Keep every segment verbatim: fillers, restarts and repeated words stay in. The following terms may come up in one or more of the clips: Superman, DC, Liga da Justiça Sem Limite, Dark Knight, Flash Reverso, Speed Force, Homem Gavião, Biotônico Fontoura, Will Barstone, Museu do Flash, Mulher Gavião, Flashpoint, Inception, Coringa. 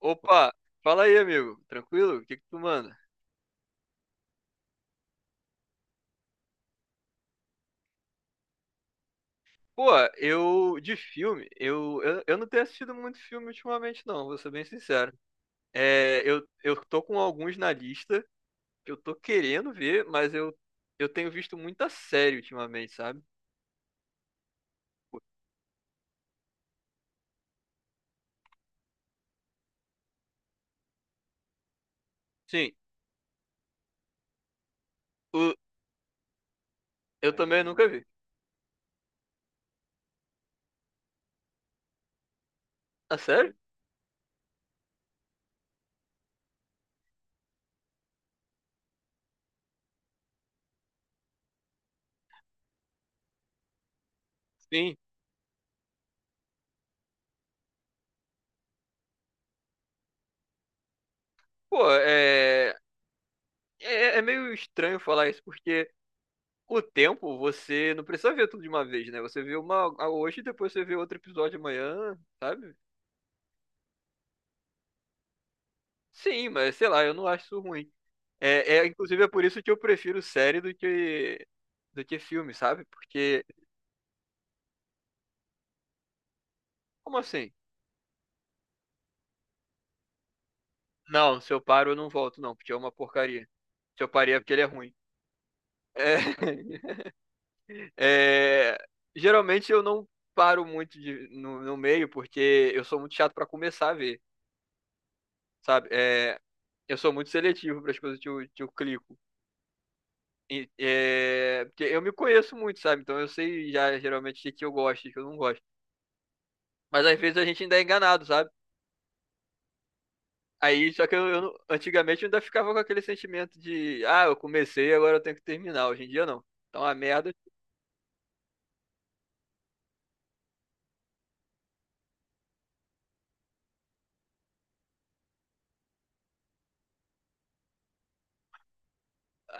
Opa, fala aí, amigo. Tranquilo? O que que tu manda? Pô, eu de filme, eu, eu, eu não tenho assistido muito filme ultimamente, não, vou ser bem sincero. É, eu, eu tô com alguns na lista que eu tô querendo ver, mas eu, eu tenho visto muita série ultimamente, sabe? Sim, o, eu também nunca vi. Ah sério? Sim. Pô, é, é, é meio estranho falar isso, porque o tempo você não precisa ver tudo de uma vez, né? Você vê uma hoje e depois você vê outro episódio amanhã, sabe? Sim, mas sei lá, eu não acho isso ruim. É, é, inclusive é por isso que eu prefiro série do que do que filme, sabe? Porque como assim? Não, se eu paro eu não volto não, porque é uma porcaria. Se eu parei é porque ele é ruim. É, é, geralmente eu não paro muito de- no, no meio porque eu sou muito chato pra começar a ver, sabe? É, eu sou muito seletivo para as coisas que eu, que eu clico. E, é, porque eu me conheço muito, sabe? Então eu sei já geralmente o que que eu gosto e o que eu não gosto. Mas às vezes a gente ainda é enganado, sabe? Aí, só que eu, eu não- antigamente eu ainda ficava com aquele sentimento de, ah, eu comecei, agora eu tenho que terminar. Hoje em dia não. Então a merda,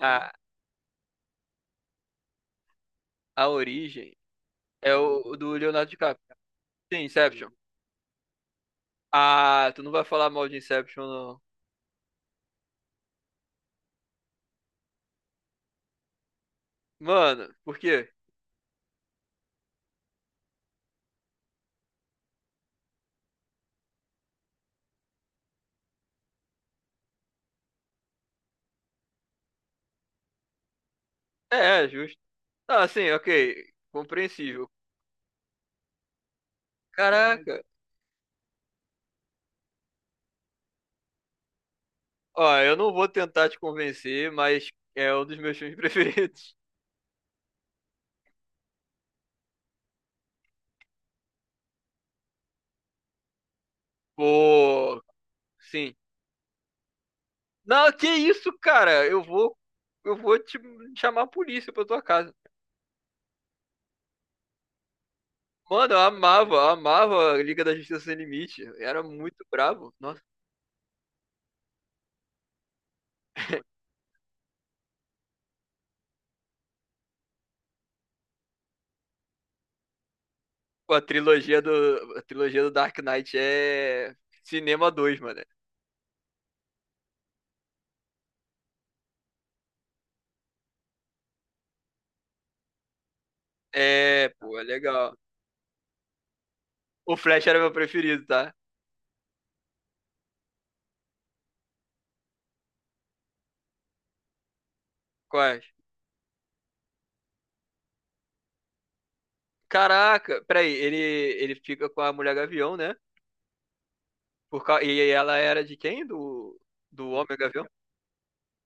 a, a origem é o, o do Leonardo DiCaprio. Sim, Inception. Ah, tu não vai falar mal de Inception, não. Mano, por quê? É, é justo. Não, assim, ok, compreensível. Caraca, ó, eu não vou tentar te convencer, mas é um dos meus filmes preferidos. Pô, sim. Não, que isso, cara? Eu vou, eu vou te chamar a polícia pra tua casa. Mano, eu amava, eu amava a Liga da Justiça Sem Limite. Eu era muito bravo. Nossa, pô, a trilogia do, a trilogia do Dark Knight é cinema dois mano. É, pô, é legal. O Flash era meu preferido, tá? Quais? Caraca, peraí, ele, ele fica com a Mulher Gavião, né? Por, cau- e ela era de quem? Do, do Homem Gavião?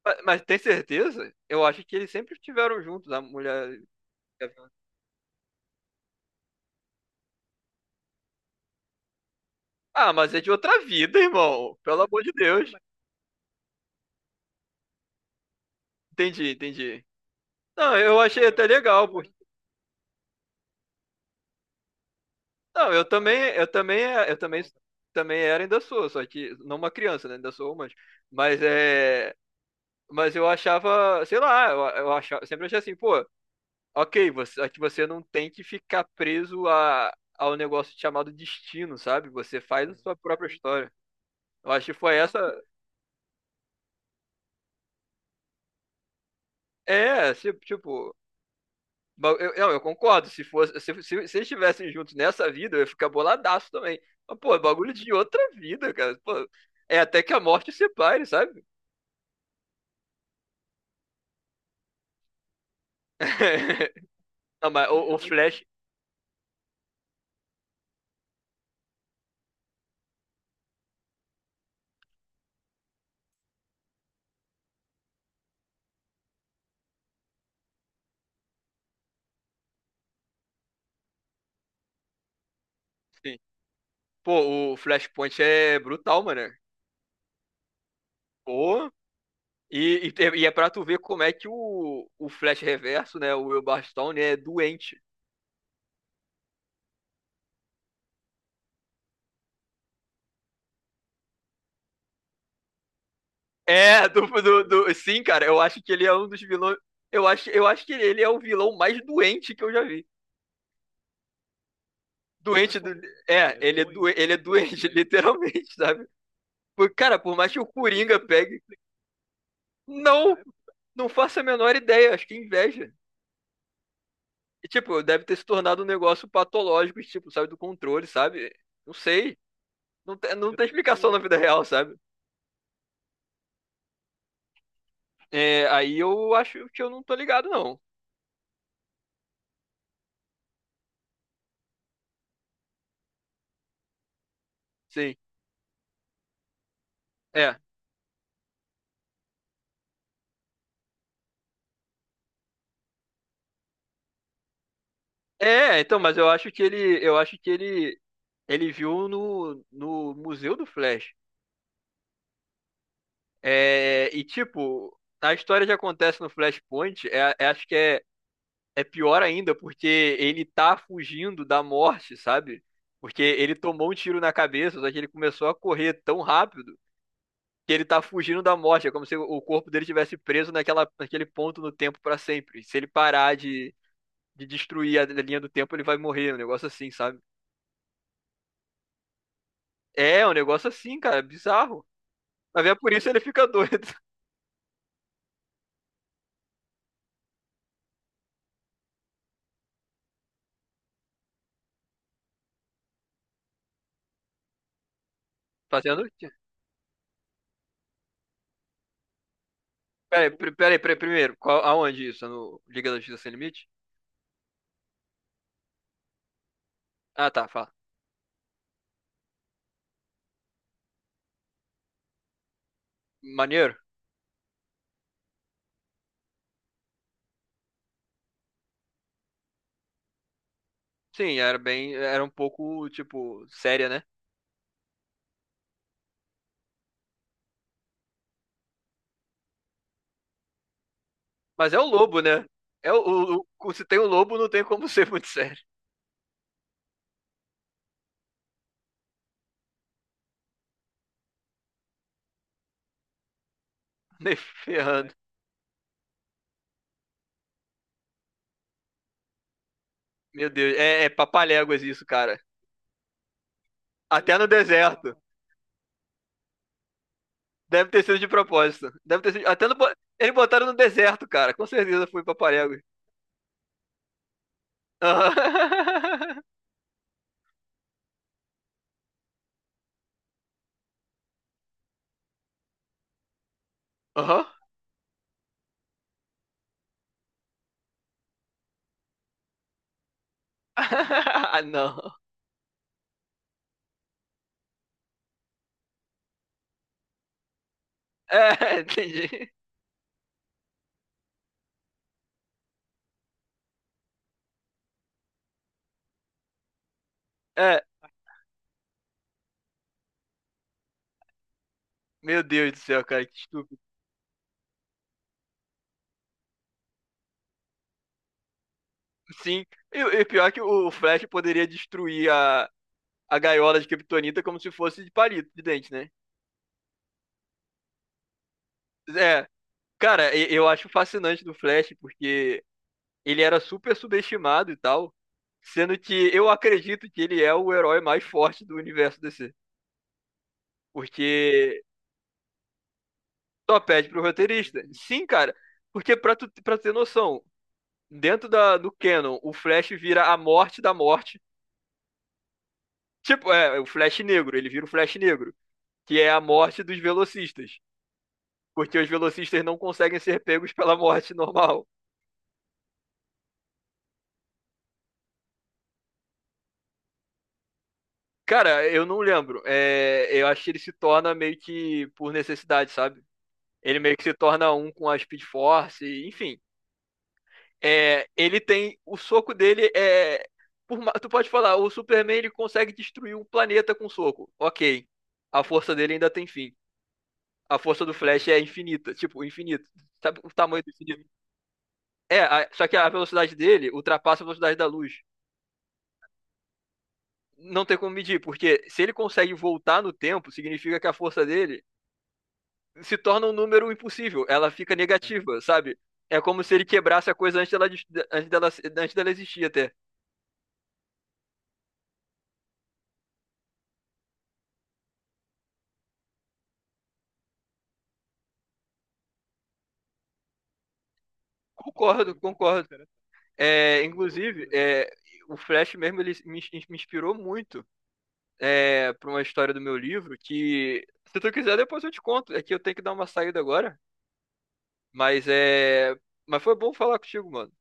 Mas, mas tem certeza? Eu acho que eles sempre estiveram juntos, a Mulher Gavião. Ah, mas é de outra vida, irmão. Pelo amor de Deus. Entendi, entendi. Não, eu achei até legal, porque... Não, eu também, eu também, eu também, também era, ainda sou, só que não uma criança, né? Ainda sou, mas, mas é, mas eu achava, sei lá, eu, eu achava, sempre achei assim, pô, ok, você, aqui você não tem que ficar preso a, ao negócio chamado destino, sabe? Você faz a sua própria história. Eu acho que foi essa. É, tipo, eu, não, eu concordo. Se fosse, se, se, se eles estivessem juntos nessa vida, eu ia ficar boladaço também. Mas, pô, é bagulho de outra vida, cara. Pô, é até que a morte separe, sabe? Não, mas o, o Flash. Sim. Pô, o Flashpoint é brutal, mano. Pô. E, e, e é pra tu ver como é que o, o Flash Reverso, né? O Will Barstone é doente. É, do, do, do- sim, cara. Eu acho que ele é um dos vilões. Eu acho, eu acho que ele é o vilão mais doente que eu já vi. Doente do. É, ele é, do... ele é doente, literalmente, sabe? Por- Cara, por mais que o Coringa pegue. Não! Não faço a menor ideia, acho que é inveja. E, tipo, deve ter se tornado um negócio patológico, tipo, sabe, do controle, sabe? Não sei. Não tem, não tem explicação na vida real, sabe? É, aí eu acho que eu não tô ligado, não. Sim. É. É, então, mas eu acho que ele. Eu acho que ele. Ele viu no, no Museu do Flash. É, e tipo, a história que acontece no Flashpoint, é, é- acho que é, é pior ainda, porque ele tá fugindo da morte, sabe? Porque ele tomou um tiro na cabeça, só que ele começou a correr tão rápido que ele tá fugindo da morte. É como se o corpo dele tivesse preso naquela, naquele ponto no tempo pra sempre. Se ele parar de, de destruir a linha do tempo, ele vai morrer. Um negócio assim, sabe? É, um negócio assim, cara, bizarro. Mas é por isso ele fica doido, fazendo. Peraí, peraí, peraí, peraí, primeiro, qual- aonde isso? No Liga da Justiça Sem Limite? Ah, tá, fala. Maneiro? Sim, era bem, era um pouco, tipo, séria, né? Mas é o lobo, né? É o, o- o- se tem o lobo, não tem como ser muito sério. Nem ferrando. Meu Deus, é, é papaléguas isso, cara. Até no deserto. Deve ter sido de propósito. Deve ter sido, até no, bo- eles botaram no deserto, cara. Com certeza foi papaléguas. Aham. Aham. Ah, não. É, entendi. É, Meu Deus do céu, cara, que estúpido. Sim, e, e pior que o Flash poderia destruir a, a gaiola de Kryptonita como se fosse de palito, de dente, né? É, cara, e- eu acho fascinante do Flash, porque ele era super subestimado e tal, sendo que eu acredito que ele é o herói mais forte do universo D C, porque só pede pro roteirista. Sim, cara, porque pra tu, pra ter noção, dentro da, do canon, o Flash vira a morte da morte. Tipo, é, o Flash negro, ele vira o Flash negro, que é a morte dos velocistas. Porque os velocistas não conseguem ser pegos pela morte normal. Cara, eu não lembro. É, eu acho que ele se torna meio que por necessidade, sabe? Ele meio que se torna um com a Speed Force, e, enfim. É, ele tem. O soco dele é. Por ma- tu pode falar, o Superman ele consegue destruir um planeta com soco. Ok. A força dele ainda tem fim. A força do Flash é infinita, tipo, infinito. Sabe o tamanho do infinito? É, a- só que a velocidade dele ultrapassa a velocidade da luz. Não tem como medir, porque se ele consegue voltar no tempo, significa que a força dele se torna um número impossível, ela fica negativa, sabe? É como se ele quebrasse a coisa antes dela, antes dela, antes dela existir até. Concordo, concordo. É, inclusive, é, o Flash mesmo ele me, me inspirou muito, é, para uma história do meu livro que, se tu quiser, depois eu te conto. É que eu tenho que dar uma saída agora, mas é, mas foi bom falar contigo, mano.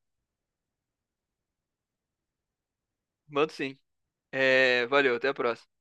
Mando sim. É, valeu, até a próxima.